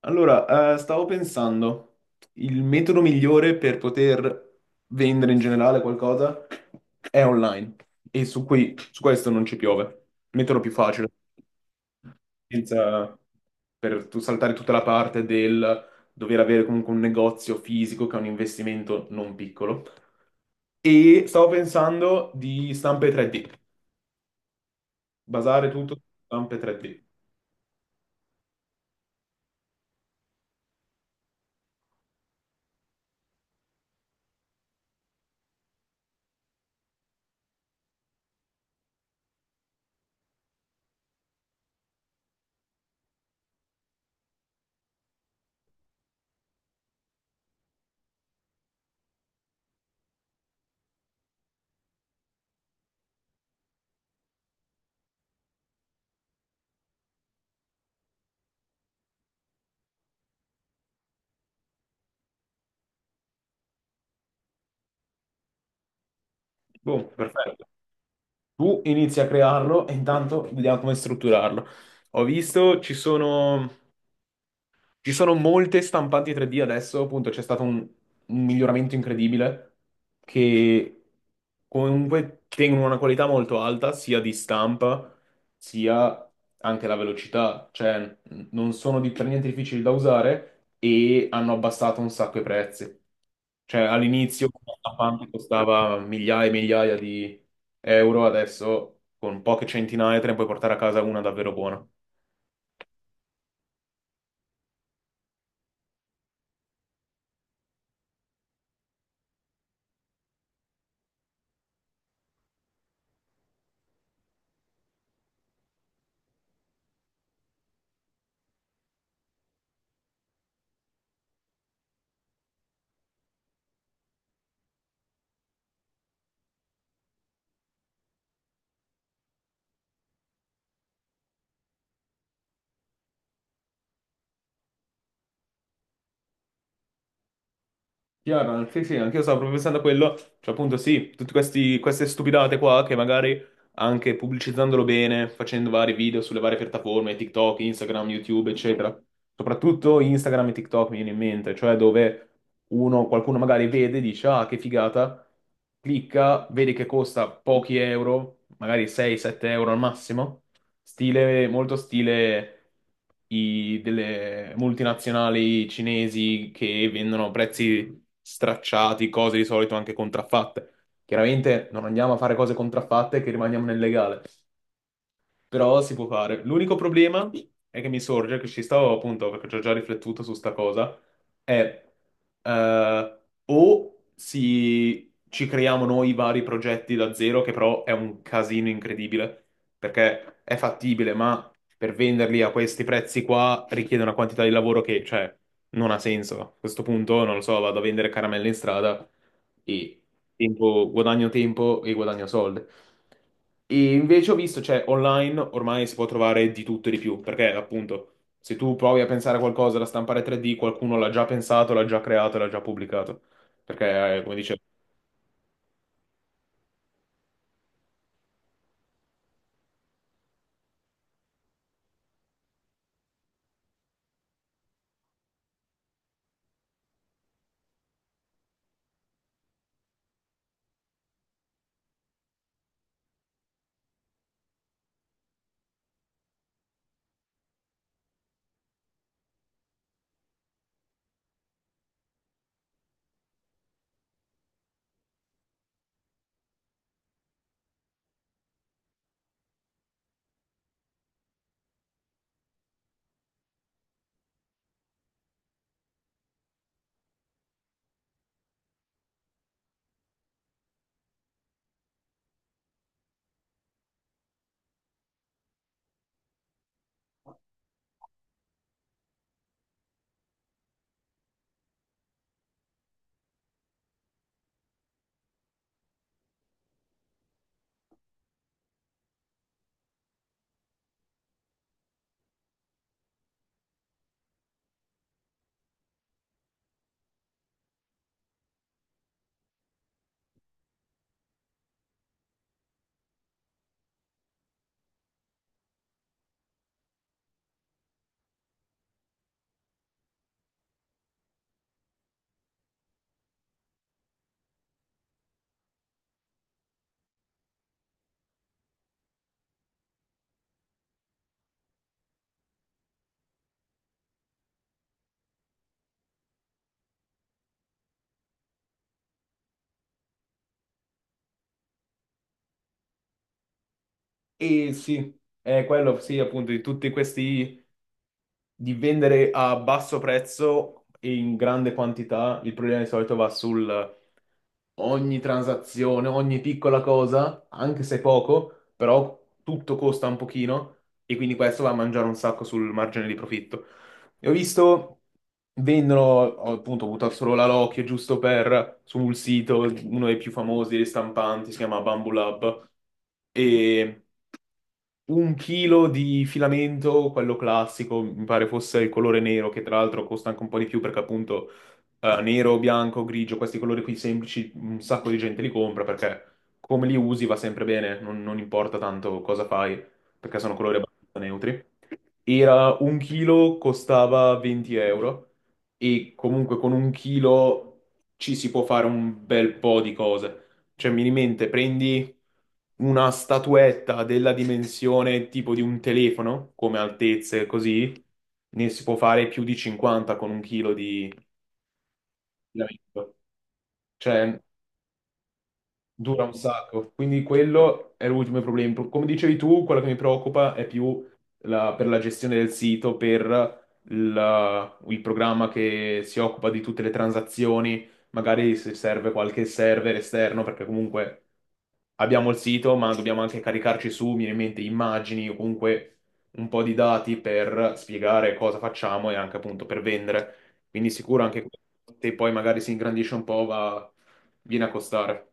Stavo pensando, il metodo migliore per poter vendere in generale qualcosa è online e su, qui, su questo non ci piove. Metodo più facile, senza, per tu saltare tutta la parte del dover avere comunque un negozio fisico che è un investimento non piccolo. E stavo pensando di stampe 3D, basare tutto su stampe 3D. Boh, perfetto. Tu inizi a crearlo e intanto vediamo come strutturarlo. Ho visto, ci sono. Ci sono molte stampanti 3D adesso, appunto c'è stato un miglioramento incredibile che comunque tengono una qualità molto alta sia di stampa sia anche la velocità, cioè non sono per niente difficili da usare e hanno abbassato un sacco i prezzi. Cioè all'inizio una stampante costava migliaia e migliaia di euro, adesso con poche centinaia te ne puoi portare a casa una davvero buona. Chiaro, sì, sì, anche io stavo proprio pensando a quello, cioè appunto sì, tutte queste stupidate qua che magari anche pubblicizzandolo bene, facendo vari video sulle varie piattaforme, TikTok, Instagram, YouTube, eccetera, soprattutto Instagram e TikTok mi viene in mente, cioè dove uno, qualcuno magari vede, dice ah che figata, clicca, vede che costa pochi euro, magari 6-7 euro al massimo, stile, molto stile delle multinazionali cinesi che vendono prezzi stracciati, cose di solito anche contraffatte. Chiaramente non andiamo a fare cose contraffatte che rimaniamo nel legale, però si può fare. L'unico problema è che mi sorge, che ci stavo appunto, perché ci ho già riflettuto su sta cosa, è eh, o si, ci creiamo noi vari progetti da zero, che però è un casino incredibile, perché è fattibile, ma per venderli a questi prezzi qua richiede una quantità di lavoro che, cioè, non ha senso. A questo punto, non lo so, vado a vendere caramelle in strada e guadagno tempo e guadagno soldi. E invece ho visto, cioè, online ormai si può trovare di tutto e di più, perché appunto, se tu provi a pensare a qualcosa da stampare 3D, qualcuno l'ha già pensato, l'ha già creato, l'ha già pubblicato. Perché, come dice. E sì, è quello, sì, appunto, di tutti questi di vendere a basso prezzo e in grande quantità, il problema di solito va sul ogni transazione, ogni piccola cosa, anche se poco, però tutto costa un pochino e quindi questo va a mangiare un sacco sul margine di profitto. E ho visto, vendono, ho appunto buttato solo la Loki, giusto per, sul sito, uno dei più famosi, dei stampanti, si chiama Bamboo Lab, e un chilo di filamento, quello classico, mi pare fosse il colore nero, che tra l'altro costa anche un po' di più perché appunto nero, bianco, grigio, questi colori qui semplici, un sacco di gente li compra perché come li usi va sempre bene, non, non importa tanto cosa fai, perché sono colori abbastanza neutri. Era un chilo, costava 20 euro e comunque con un chilo ci si può fare un bel po' di cose. Cioè, minimente, prendi una statuetta della dimensione tipo di un telefono, come altezze, così, ne si può fare più di 50 con un chilo di filamento. Cioè, dura un sacco, quindi quello è l'ultimo problema. Come dicevi tu, quello che mi preoccupa è più per la gestione del sito, per il programma che si occupa di tutte le transazioni, magari se serve qualche server esterno, perché comunque abbiamo il sito, ma dobbiamo anche caricarci su, mi viene in mente, immagini o comunque un po' di dati per spiegare cosa facciamo e anche appunto per vendere. Quindi sicuro anche questo, se poi magari si ingrandisce un po', va, viene a costare.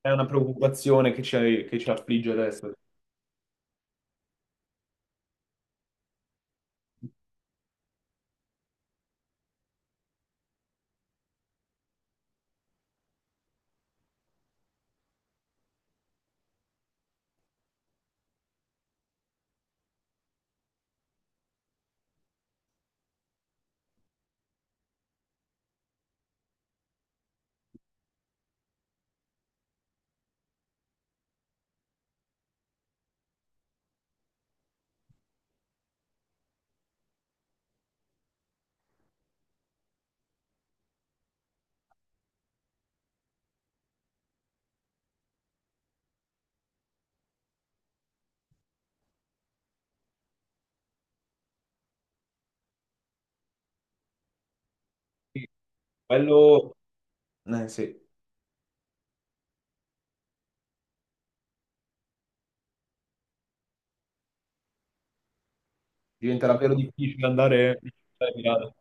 È una preoccupazione che ci affligge adesso. Sì, quello, sì, diventa davvero difficile andare a Milano.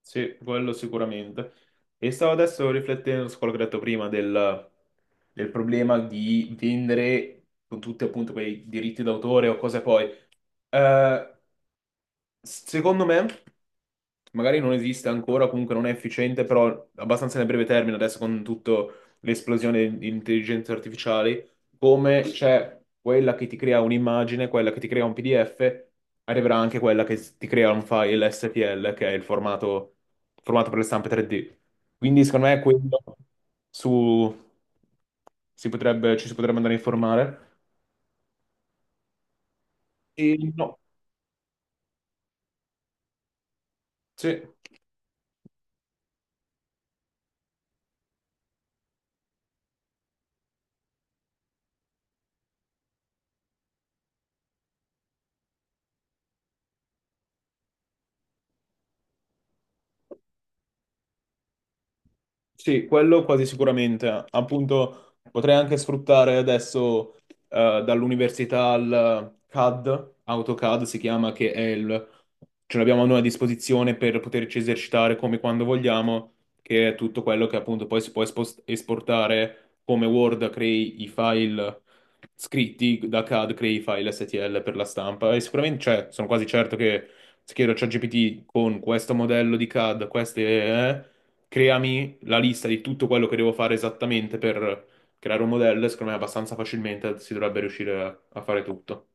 Sì, quello sicuramente. E stavo adesso riflettendo su quello che ho detto prima del problema di vendere con tutti appunto quei diritti d'autore o cose poi. Eh, Secondo me, magari non esiste ancora, o comunque non è efficiente, però abbastanza nel breve termine, adesso con tutta l'esplosione di intelligenze artificiali, come c'è quella che ti crea un'immagine, quella che ti crea un PDF, arriverà anche quella che ti crea un file STL, che è il formato, formato per le stampe 3D. Quindi secondo me quello, su, si potrebbe, ci si potrebbe andare a informare. E no, sì. Sì, quello quasi sicuramente. Appunto, potrei anche sfruttare adesso dall'università al CAD, AutoCAD si chiama, che è ce l'abbiamo noi a disposizione per poterci esercitare come quando vogliamo, che è tutto quello che appunto poi si può esportare come Word, crei i file scritti da CAD, crei i file STL per la stampa. E sicuramente, cioè, sono quasi certo che se chiedo a ChatGPT con questo modello di CAD, creami la lista di tutto quello che devo fare esattamente per creare un modello, e secondo me abbastanza facilmente si dovrebbe riuscire a fare tutto.